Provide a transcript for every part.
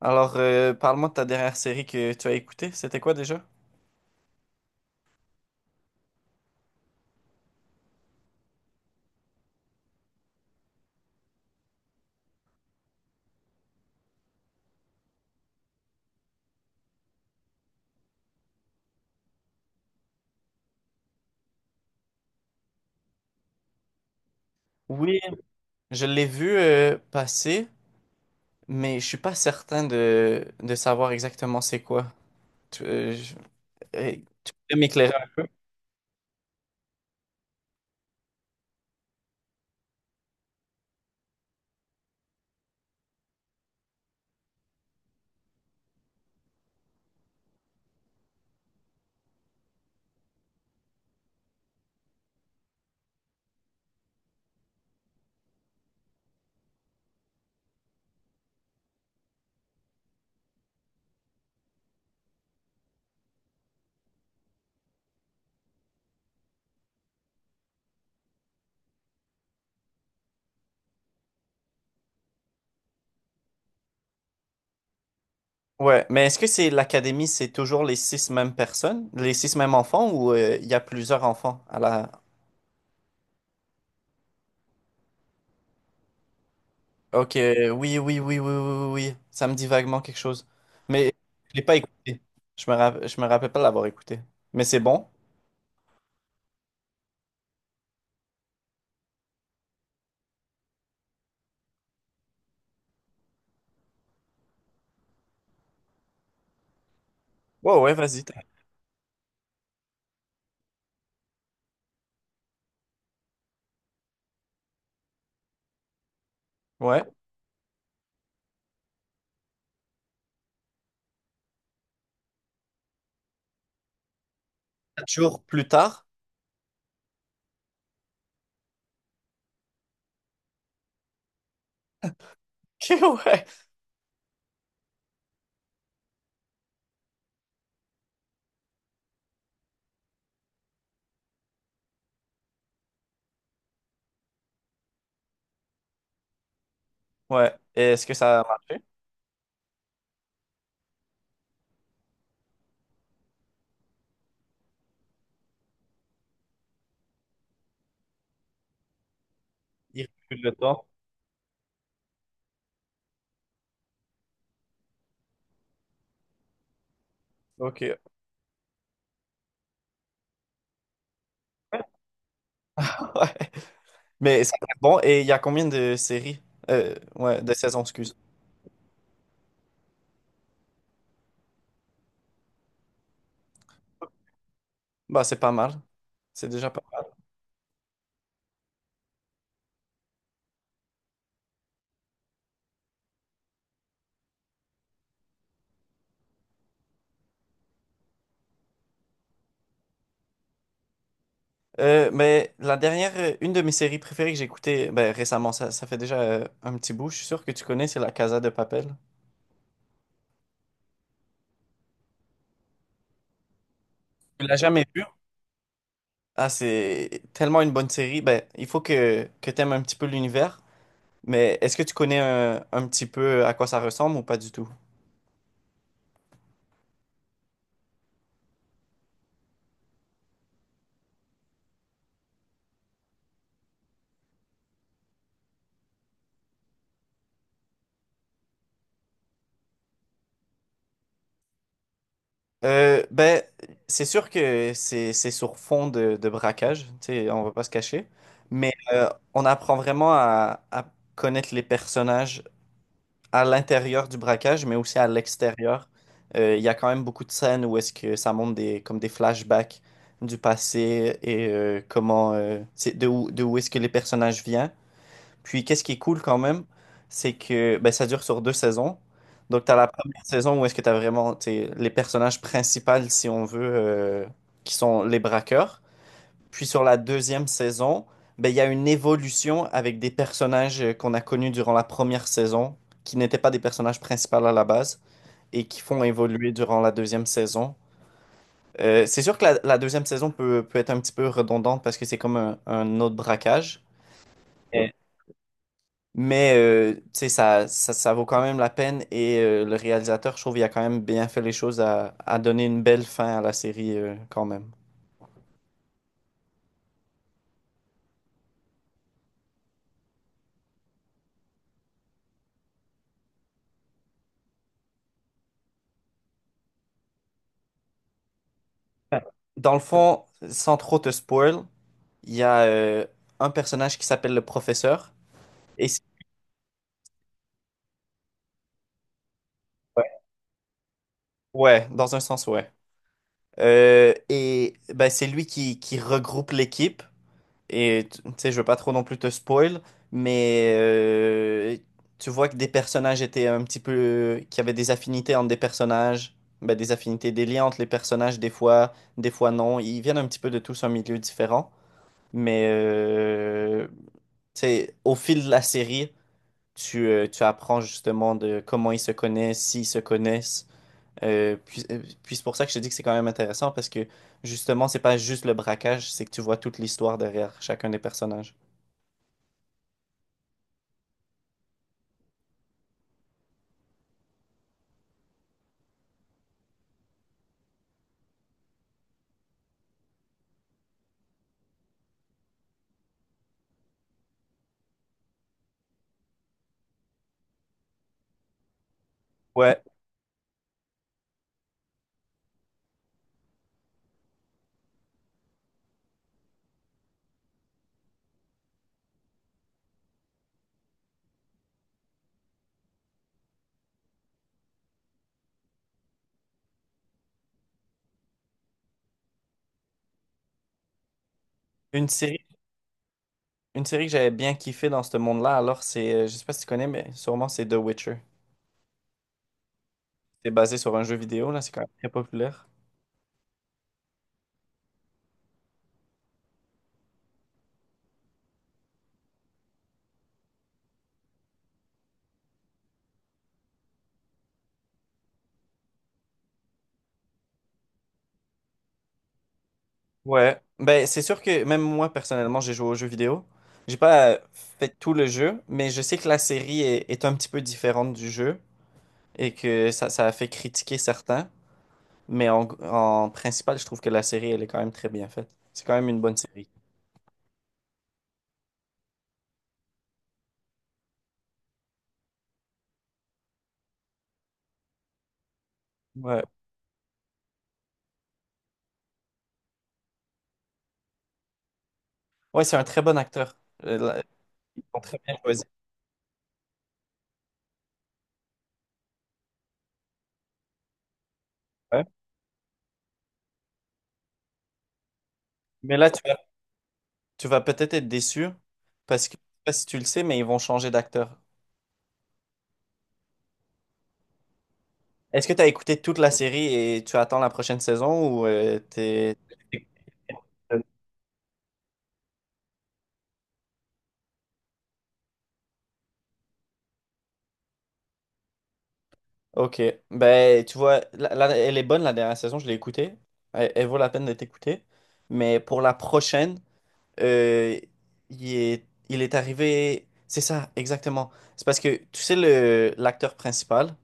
Alors, parle-moi de ta dernière série que tu as écoutée. C'était quoi déjà? Oui, je l'ai vu passer, mais je suis pas certain de savoir exactement c'est quoi. Tu, euh, je- euh, Tu peux m'éclairer? Ouais, mais est-ce que c'est l'académie, c'est toujours les six mêmes personnes, les six mêmes enfants, ou il y a plusieurs enfants à la... Ok, oui, oui, oui, oui, oui, oui, oui. Ça me dit vaguement quelque chose. Mais je l'ai pas écouté. Je me rappelle pas l'avoir écouté. Mais c'est bon? Ouais, ouais, vas-y. Ouais. Quatre jours plus tard? Ok. Ouais. Ouais. Et est-ce que ça a marché? Il recule le temps. Ok. Ouais. Mais c'est bon. Et il y a combien de séries? Ouais, de saisons, excuse. Bah, c'est pas mal. C'est déjà pas mal. Mais la dernière, une de mes séries préférées que j'ai écoutées ben, récemment, ça fait déjà un petit bout, je suis sûr que tu connais, c'est La Casa de Papel. Tu l'as jamais vu? Ah, c'est tellement une bonne série. Ben, il faut que tu aimes un petit peu l'univers. Mais est-ce que tu connais un petit peu à quoi ça ressemble ou pas du tout? Ben, c'est sûr que c'est sur fond de braquage, tu sais, on va pas se cacher, mais on apprend vraiment à connaître les personnages à l'intérieur du braquage, mais aussi à l'extérieur. Il y a quand même beaucoup de scènes où est-ce que ça montre des, comme des flashbacks du passé et comment, c'est de où est-ce que les personnages viennent. Puis, qu'est-ce qui est cool quand même, c'est que ben, ça dure sur deux saisons. Donc, tu as la première saison où est-ce que tu as vraiment t'sais, les personnages principaux, si on veut, qui sont les braqueurs. Puis, sur la deuxième saison, ben, il y a une évolution avec des personnages qu'on a connus durant la première saison, qui n'étaient pas des personnages principaux à la base, et qui font évoluer durant la deuxième saison. C'est sûr que la deuxième saison peut être un petit peu redondante parce que c'est comme un autre braquage. Euh, mais tu sais, ça vaut quand même la peine et le réalisateur, je trouve, il a quand même bien fait les choses à donner une belle fin à la série quand même. Dans le fond, sans trop te spoil, il y a un personnage qui s'appelle le professeur. Et c'est- ouais, ouais, dans un sens, ouais. Et ben, c'est lui qui regroupe l'équipe. Et tu sais, je veux pas trop non plus te spoil, mais tu vois que des personnages étaient un petit peu... qu'il y avait des affinités entre des personnages, ben, des affinités, des liens entre les personnages, des fois non. Ils viennent un petit peu de tous un milieu différent, mais tu sais, au fil de la série, tu apprends justement de comment ils se connaissent, s'ils se connaissent. Puis c'est pour ça que je te dis que c'est quand même intéressant parce que justement, c'est pas juste le braquage, c'est que tu vois toute l'histoire derrière chacun des personnages. Ouais, une série, une série que j'avais bien kiffé dans ce monde-là, alors c'est, je sais pas si tu connais, mais sûrement c'est The Witcher. C'est basé sur un jeu vidéo, là, c'est quand même très populaire. Ouais, ben c'est sûr que même moi personnellement, j'ai joué au jeu vidéo. J'ai pas fait tout le jeu, mais je sais que la série est un petit peu différente du jeu et que ça a fait critiquer certains. Mais en principal, je trouve que la série, elle est quand même très bien faite. C'est quand même une bonne série. Ouais, ouais, c'est un très bon acteur. Euh, là, Ils sont très bien choisi Ouais. Mais là, tu Tu vas peut-être être déçu parce que, je sais pas si tu le sais, mais ils vont changer d'acteur. Est-ce que tu as écouté toute la série et tu attends la prochaine saison ou t'es... euh, Ok, ben tu vois, elle est bonne la dernière saison, je l'ai écoutée. Elle, elle vaut la peine d'être écoutée. Mais pour la prochaine, euh, il est arrivé. C'est ça, exactement. C'est parce que tu sais, l'acteur principal,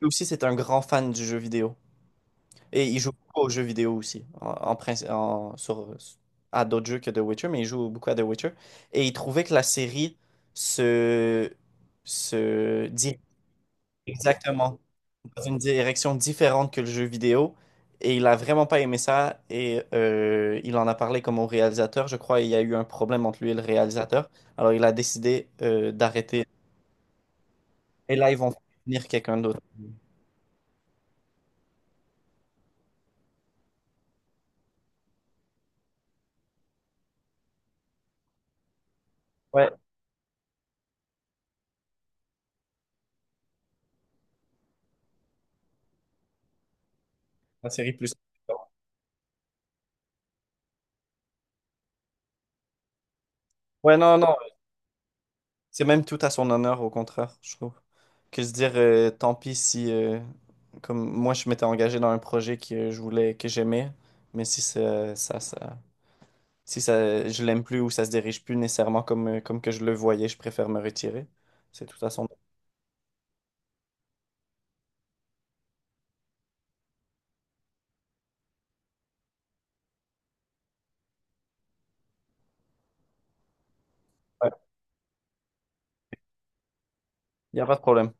lui aussi, c'est un grand fan du jeu vidéo. Et il joue beaucoup aux jeux vidéo aussi, sur, à d'autres jeux que The Witcher, mais il joue beaucoup à The Witcher. Et il trouvait que la série se, se dit exactement dans une direction différente que le jeu vidéo. Et il a vraiment pas aimé ça. Et il en a parlé comme au réalisateur. Je crois il y a eu un problème entre lui et le réalisateur. Alors il a décidé d'arrêter. Et là, ils vont finir quelqu'un d'autre. Ouais, la série plus. Ouais, non, non. C'est même tout à son honneur, au contraire, je trouve. Que se dire, tant pis si, comme moi, je m'étais engagé dans un projet que je voulais, que j'aimais, mais si si ça, je l'aime plus ou ça se dirige plus nécessairement comme, comme que je le voyais, je préfère me retirer. C'est tout à son honneur. Ouais, il n'y a pas de problème.